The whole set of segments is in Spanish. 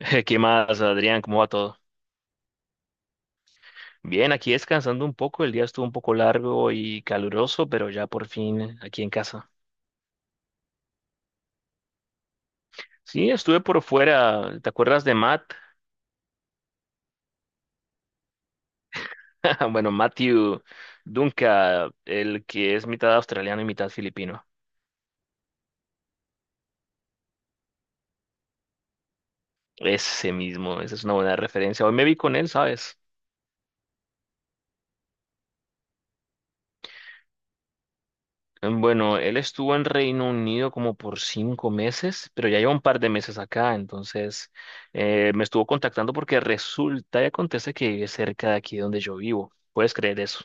¿Qué más, Adrián? ¿Cómo va todo? Bien, aquí descansando un poco. El día estuvo un poco largo y caluroso, pero ya por fin aquí en casa. Sí, estuve por fuera. ¿Te acuerdas de Matt? Bueno, Matthew Dunca, el que es mitad australiano y mitad filipino. Ese mismo, esa es una buena referencia. Hoy me vi con él, ¿sabes? Bueno, él estuvo en Reino Unido como por 5 meses, pero ya lleva un par de meses acá, entonces me estuvo contactando porque resulta y acontece que vive cerca de aquí donde yo vivo. ¿Puedes creer eso?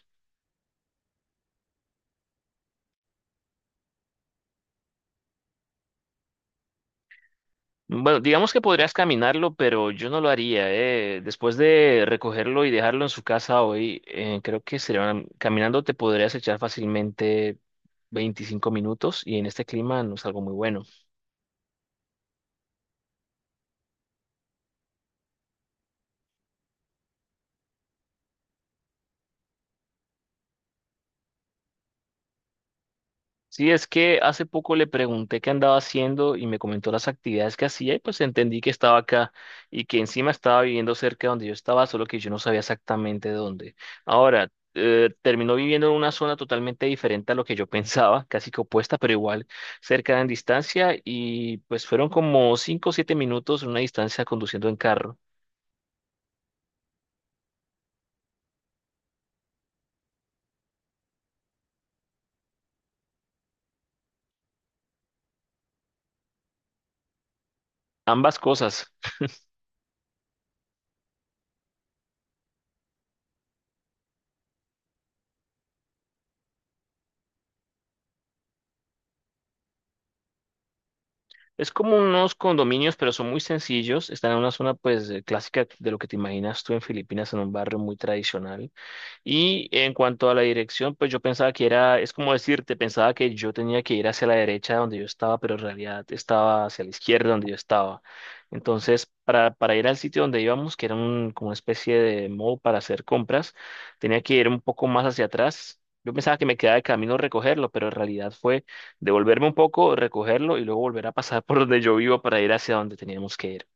Bueno, digamos que podrías caminarlo, pero yo no lo haría. Después de recogerlo y dejarlo en su casa hoy, creo que serían, caminando te podrías echar fácilmente 25 minutos y en este clima no es algo muy bueno. Sí, es que hace poco le pregunté qué andaba haciendo y me comentó las actividades que hacía y pues entendí que estaba acá y que encima estaba viviendo cerca de donde yo estaba, solo que yo no sabía exactamente dónde. Ahora, terminó viviendo en una zona totalmente diferente a lo que yo pensaba, casi que opuesta, pero igual cerca en distancia y pues fueron como 5 o 7 minutos en una distancia conduciendo en carro. Ambas cosas. Es como unos condominios, pero son muy sencillos. Están en una zona, pues, clásica de lo que te imaginas tú en Filipinas, en un barrio muy tradicional. Y en cuanto a la dirección, pues yo pensaba que era, es como decirte, pensaba que yo tenía que ir hacia la derecha donde yo estaba, pero en realidad estaba hacia la izquierda donde yo estaba. Entonces, para ir al sitio donde íbamos, que era un, como una especie de mall para hacer compras, tenía que ir un poco más hacia atrás. Yo pensaba que me quedaba de camino recogerlo, pero en realidad fue devolverme un poco, recogerlo y luego volver a pasar por donde yo vivo para ir hacia donde teníamos que ir.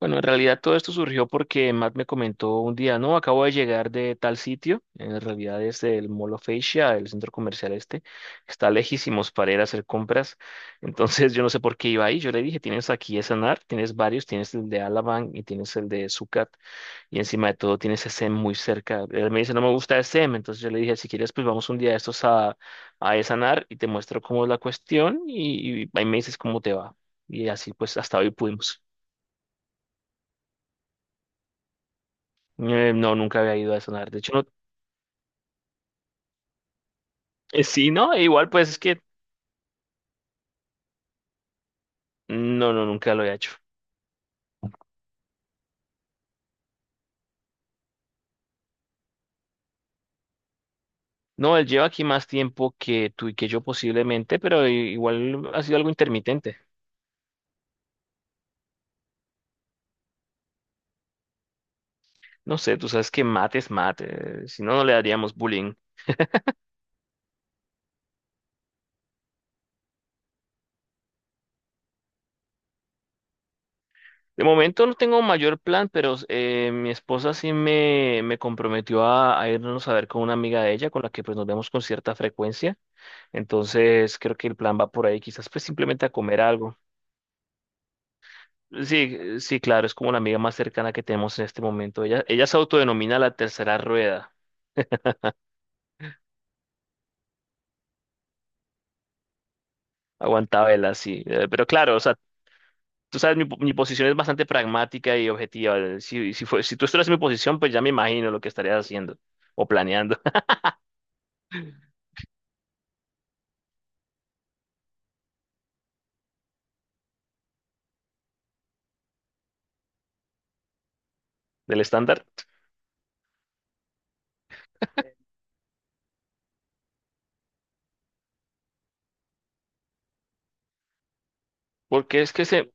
Bueno, en realidad todo esto surgió porque Matt me comentó un día, no, acabo de llegar de tal sitio, en realidad es el Mall of Asia, el centro comercial este, está lejísimos para ir a hacer compras, entonces yo no sé por qué iba ahí, yo le dije, tienes aquí ese Sanar, tienes varios, tienes el de Alabang y tienes el de Sucat, y encima de todo tienes SM muy cerca, él me dice, no me gusta SM, entonces yo le dije, si quieres, pues vamos un día de estos a Sanar y te muestro cómo es la cuestión y ahí me dices cómo te va, y así pues hasta hoy pudimos. No, nunca había ido a sonar. De hecho, no. Sí, no, e igual pues es que no, no, nunca lo he hecho. No, él lleva aquí más tiempo que tú y que yo posiblemente, pero igual ha sido algo intermitente. No sé, tú sabes que mate es mate, si no, no le daríamos bullying. De momento no tengo mayor plan, pero mi esposa sí me comprometió a irnos a ver con una amiga de ella, con la que pues nos vemos con cierta frecuencia. Entonces creo que el plan va por ahí, quizás pues simplemente a comer algo. Sí, sí, claro, es como la amiga más cercana que tenemos en este momento. Ella se autodenomina la tercera rueda, aguantabela, sí. Pero claro, o sea, tú sabes, mi posición es bastante pragmática y objetiva. Si tú estuvieras en mi posición, pues ya me imagino lo que estarías haciendo o planeando del estándar. Porque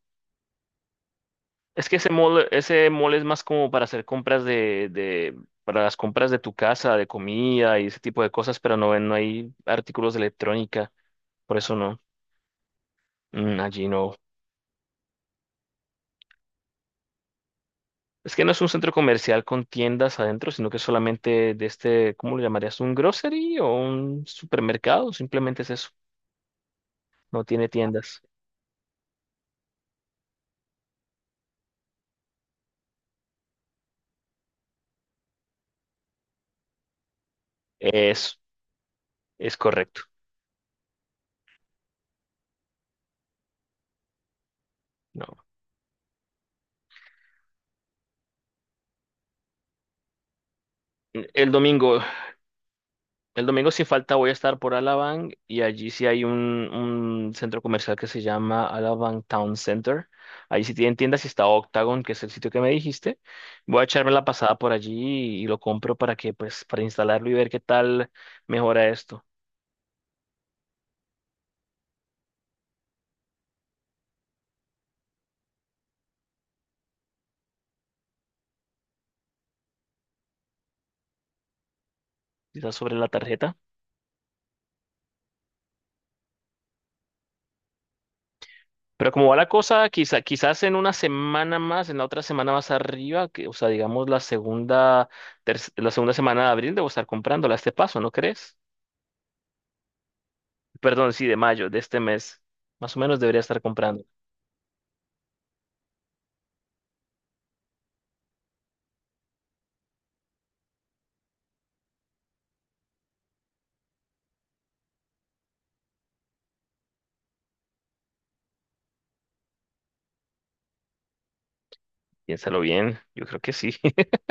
es que ese mall, es más como para hacer compras para las compras de tu casa, de comida y ese tipo de cosas, pero no, no hay artículos de electrónica, por eso no. Mm, allí no. Es que no es un centro comercial con tiendas adentro, sino que es solamente de este, ¿cómo lo llamarías? ¿Un grocery o un supermercado? Simplemente es eso. No tiene tiendas. Es, es correcto. No. El domingo, el domingo sin falta voy a estar por Alabang y allí sí hay un centro comercial que se llama Alabang Town Center. Ahí sí tienen tiendas y está Octagon, que es el sitio que me dijiste. Voy a echarme la pasada por allí y lo compro para que, pues, para instalarlo y ver qué tal mejora esto. Quizás sobre la tarjeta. Pero como va la cosa, quizás en una semana más, en la otra semana más arriba, que, o sea, digamos la segunda, la segunda semana de abril debo estar comprándola a este paso, ¿no crees? Perdón, sí, de mayo, de este mes. Más o menos debería estar comprando. Piénsalo bien, yo creo que sí.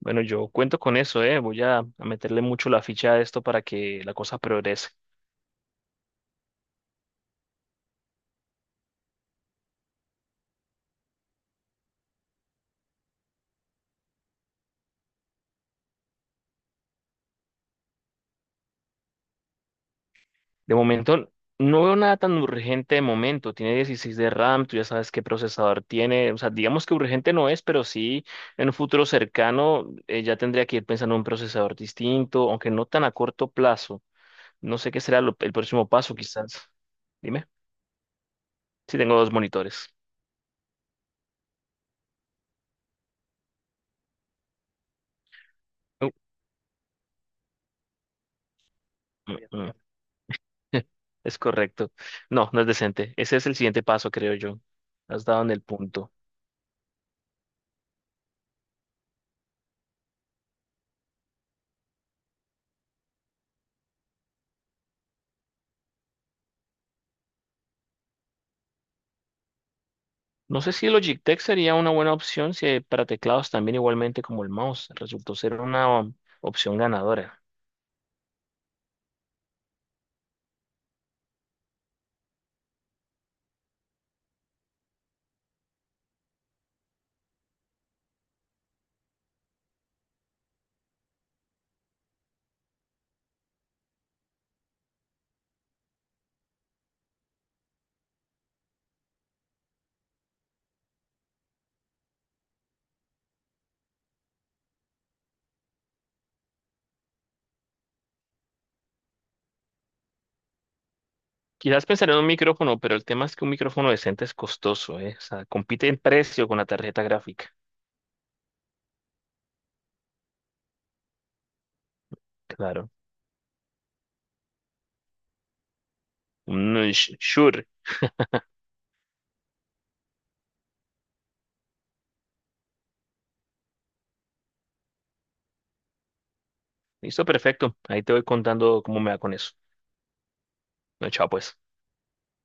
Bueno, yo cuento con eso, ¿eh? Voy a, meterle mucho la ficha a esto para que la cosa progrese. De momento, no veo nada tan urgente de momento. Tiene 16 de RAM, tú ya sabes qué procesador tiene. O sea, digamos que urgente no es, pero sí en un futuro cercano ya tendría que ir pensando en un procesador distinto, aunque no tan a corto plazo. No sé qué será lo- el próximo paso, quizás. Dime. Sí, tengo dos monitores. Uh, mm, mm. Es correcto. No, no es decente. Ese es el siguiente paso, creo yo. Has dado en el punto. No sé si Logitech sería una buena opción si para teclados también igualmente como el mouse resultó ser una opción ganadora. Quizás pensar en un micrófono, pero el tema es que un micrófono decente es costoso, ¿eh? O sea, compite en precio con la tarjeta gráfica. Claro. Mm, sh- sure. Listo, perfecto. Ahí te voy contando cómo me va con eso. No, chao, pues.